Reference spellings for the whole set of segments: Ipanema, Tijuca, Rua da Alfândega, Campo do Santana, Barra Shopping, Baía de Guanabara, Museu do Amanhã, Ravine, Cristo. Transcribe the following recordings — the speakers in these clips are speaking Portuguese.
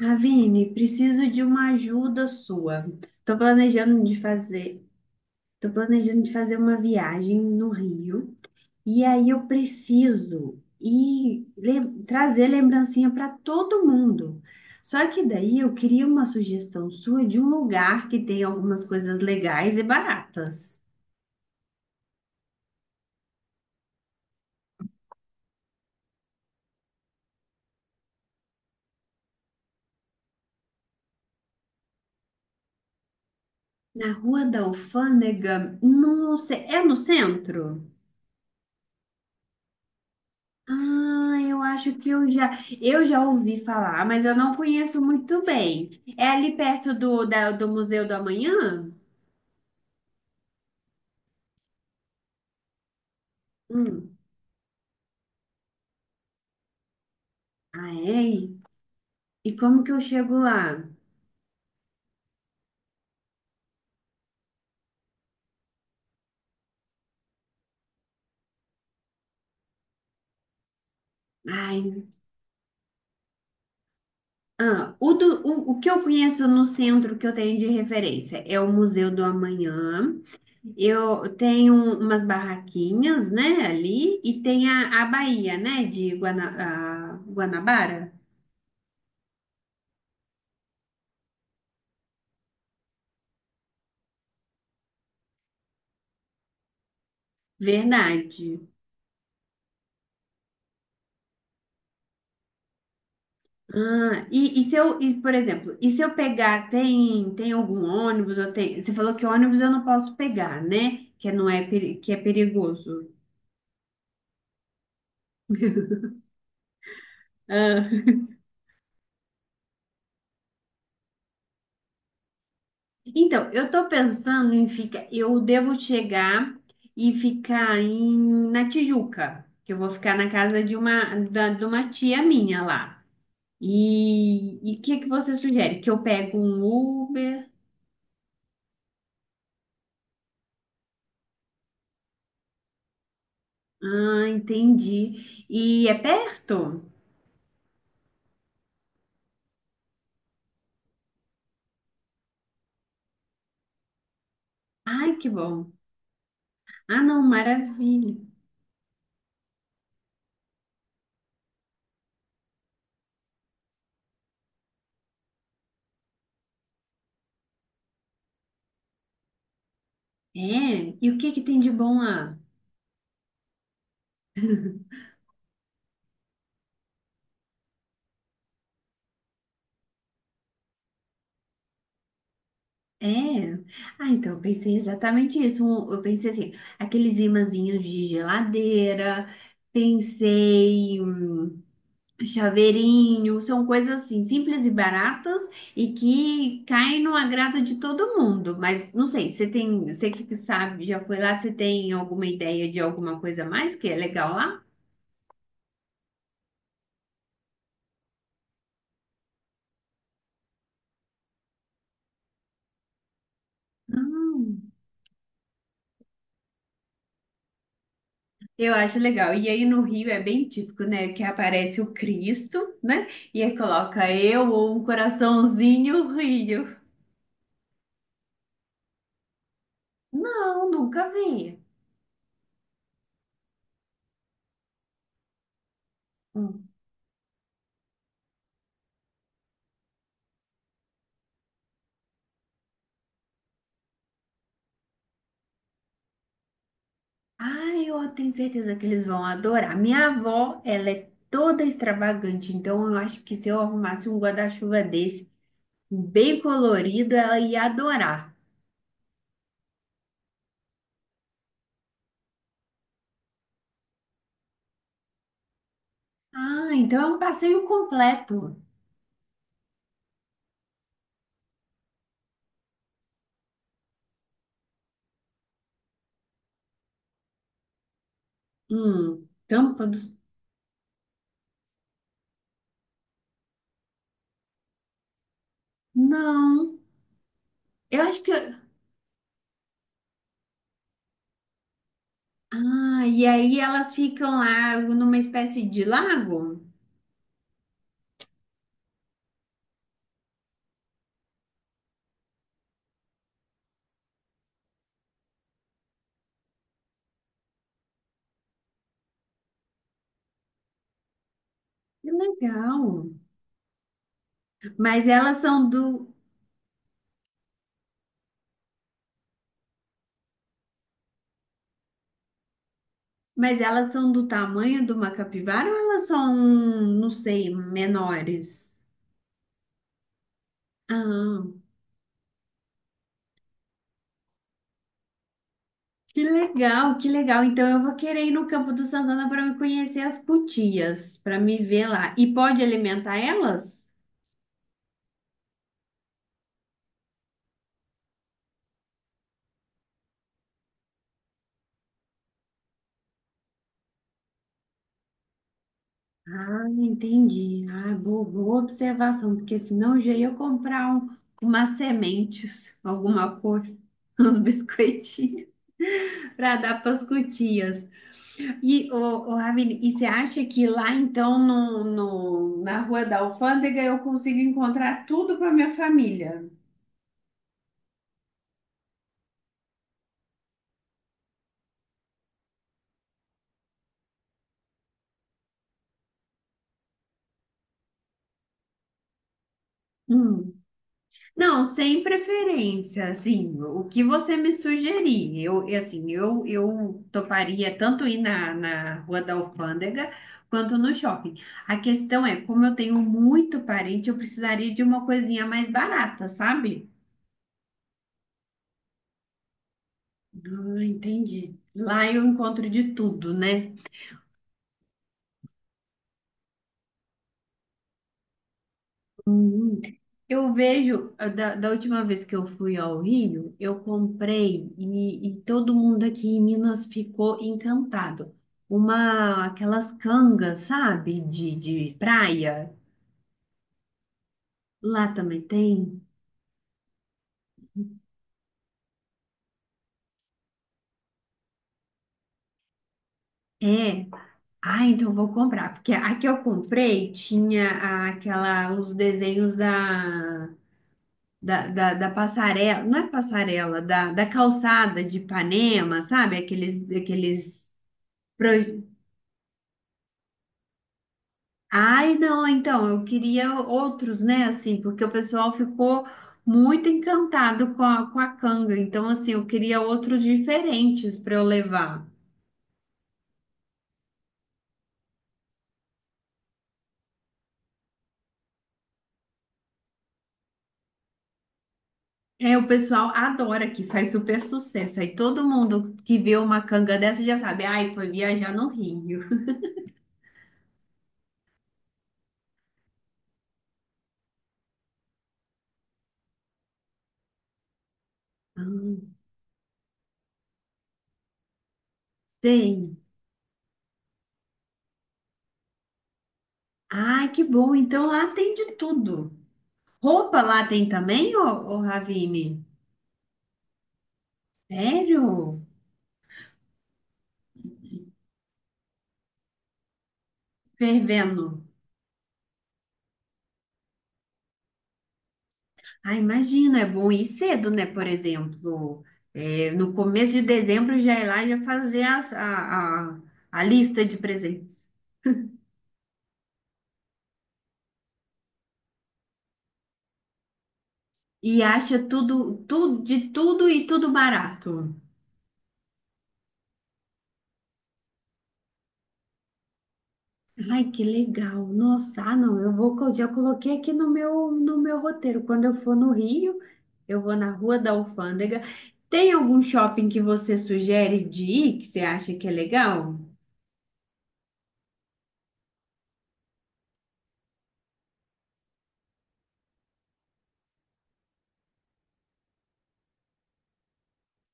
Ravine, preciso de uma ajuda sua. Estou planejando de fazer, tô planejando de fazer uma viagem no Rio e aí eu preciso trazer lembrancinha para todo mundo. Só que daí eu queria uma sugestão sua de um lugar que tem algumas coisas legais e baratas. Na Rua da Alfândega, não sei, é no centro? Ah, eu acho que eu já ouvi falar, mas eu não conheço muito bem. É ali perto do Museu do Amanhã? Hum. Ah, é? E como que eu chego lá? Ai, ah, o que eu conheço no centro que eu tenho de referência é o Museu do Amanhã. Eu tenho umas barraquinhas, né, ali, e tem a Baía, né, de Guana, a Guanabara. Verdade. Ah, e se eu, e, por exemplo, e se eu pegar, tem algum ônibus, ou tem, você falou que ônibus eu não posso pegar, né? Que não é, que é perigoso. Ah, então, eu tô pensando em ficar, eu devo chegar e na Tijuca, que eu vou ficar na casa de de uma tia minha lá. E o que que você sugere? Que eu pego um Uber? Ah, entendi. E é perto? Ai, que bom. Ah, não, maravilha. É, e o que que tem de bom lá? É. Ah, então eu pensei exatamente isso. Eu pensei assim, aqueles imãzinhos de geladeira, pensei chaveirinho, são coisas assim simples e baratas e que caem no agrado de todo mundo. Mas não sei, você tem, você que sabe, já foi lá, você tem alguma ideia de alguma coisa a mais que é legal lá? Ah. Eu acho legal. E aí no Rio é bem típico, né? Que aparece o Cristo, né? E aí coloca eu ou um coraçãozinho Rio. Não, nunca vi. Hum. Ah, eu tenho certeza que eles vão adorar. Minha avó, ela é toda extravagante, então eu acho que se eu arrumasse um guarda-chuva desse, bem colorido, ela ia adorar. Ah, então é um passeio completo. Tampa dos... Não. Eu acho que ah, e aí elas ficam lá numa espécie de lago? Que legal. Mas elas são do, mas elas são do tamanho de uma capivara ou elas são, não sei, menores? Ah, que legal, que legal. Então eu vou querer ir no Campo do Santana para me conhecer as cutias, para me ver lá. E pode alimentar elas? Ah, entendi. Ah, boa, boa observação, porque senão já ia comprar umas sementes, alguma coisa, uns biscoitinhos para dar para as cutias. E, ô, Ravine, e você acha que lá então na Rua da Alfândega eu consigo encontrar tudo para minha família? Não, sem preferência, assim, o que você me sugerir, eu, e assim, eu toparia tanto ir na Rua da Alfândega quanto no shopping. A questão é, como eu tenho muito parente, eu precisaria de uma coisinha mais barata, sabe? Ah, entendi. Lá eu encontro de tudo, né? Eu vejo, da última vez que eu fui ao Rio, e todo mundo aqui em Minas ficou encantado. Uma, aquelas cangas, sabe, de praia. Lá também tem? É. Ah, então eu vou comprar. Porque a que eu comprei tinha aquela, os desenhos da passarela, não é passarela, da calçada de Ipanema, sabe? Aqueles ai, não, então, eu queria outros, né, assim, porque o pessoal ficou muito encantado com com a canga, então, assim, eu queria outros diferentes para eu levar. É, o pessoal adora que faz super sucesso, aí todo mundo que vê uma canga dessa já sabe, ai, foi viajar no Rio. Ah, tem. Ai, que bom, então lá tem de tudo. Roupa lá tem também, ô Ravine? Sério? Fervendo. Ah, imagina, é bom ir cedo, né? Por exemplo, é, no começo de dezembro já ir lá e já fazer a lista de presentes. E acha tudo, tudo, de tudo e tudo barato. Ai, que legal. Nossa, ah, não, já coloquei aqui no meu roteiro. Quando eu for no Rio, eu vou na Rua da Alfândega. Tem algum shopping que você sugere de ir que você acha que é legal?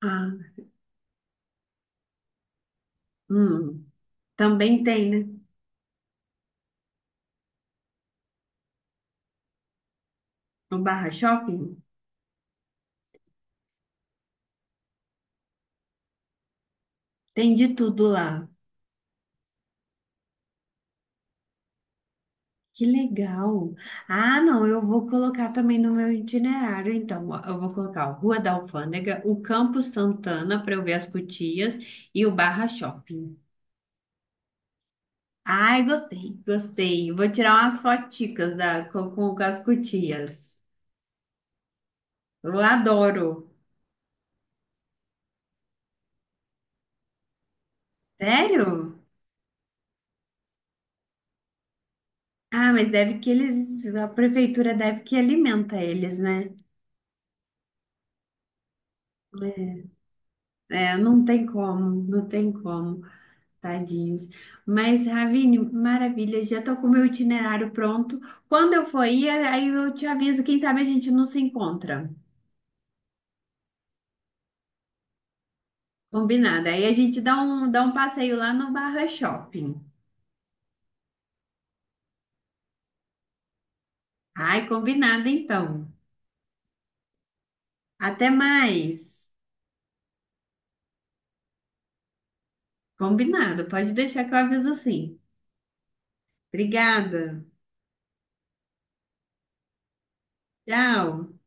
Ah, hum, também tem, né? No Barra Shopping? Tem de tudo lá. Que legal. Ah, não, eu vou colocar também no meu itinerário, então. Ó, eu vou colocar a Rua da Alfândega, o Campo Santana para eu ver as Cutias e o Barra Shopping. Ai, gostei, gostei. Vou tirar umas foticas da, com as Cutias. Eu adoro. Sério? Ah, mas deve que eles, a prefeitura deve que alimenta eles, né? É, não tem como, não tem como. Tadinhos. Mas, Ravine, maravilha, já tô com o meu itinerário pronto. Quando eu for ir, aí eu te aviso, quem sabe a gente não se encontra. Combinado. Aí a gente dá dá um passeio lá no Barra Shopping. Ai, combinado então. Até mais. Combinado, pode deixar que eu aviso sim. Obrigada. Tchau.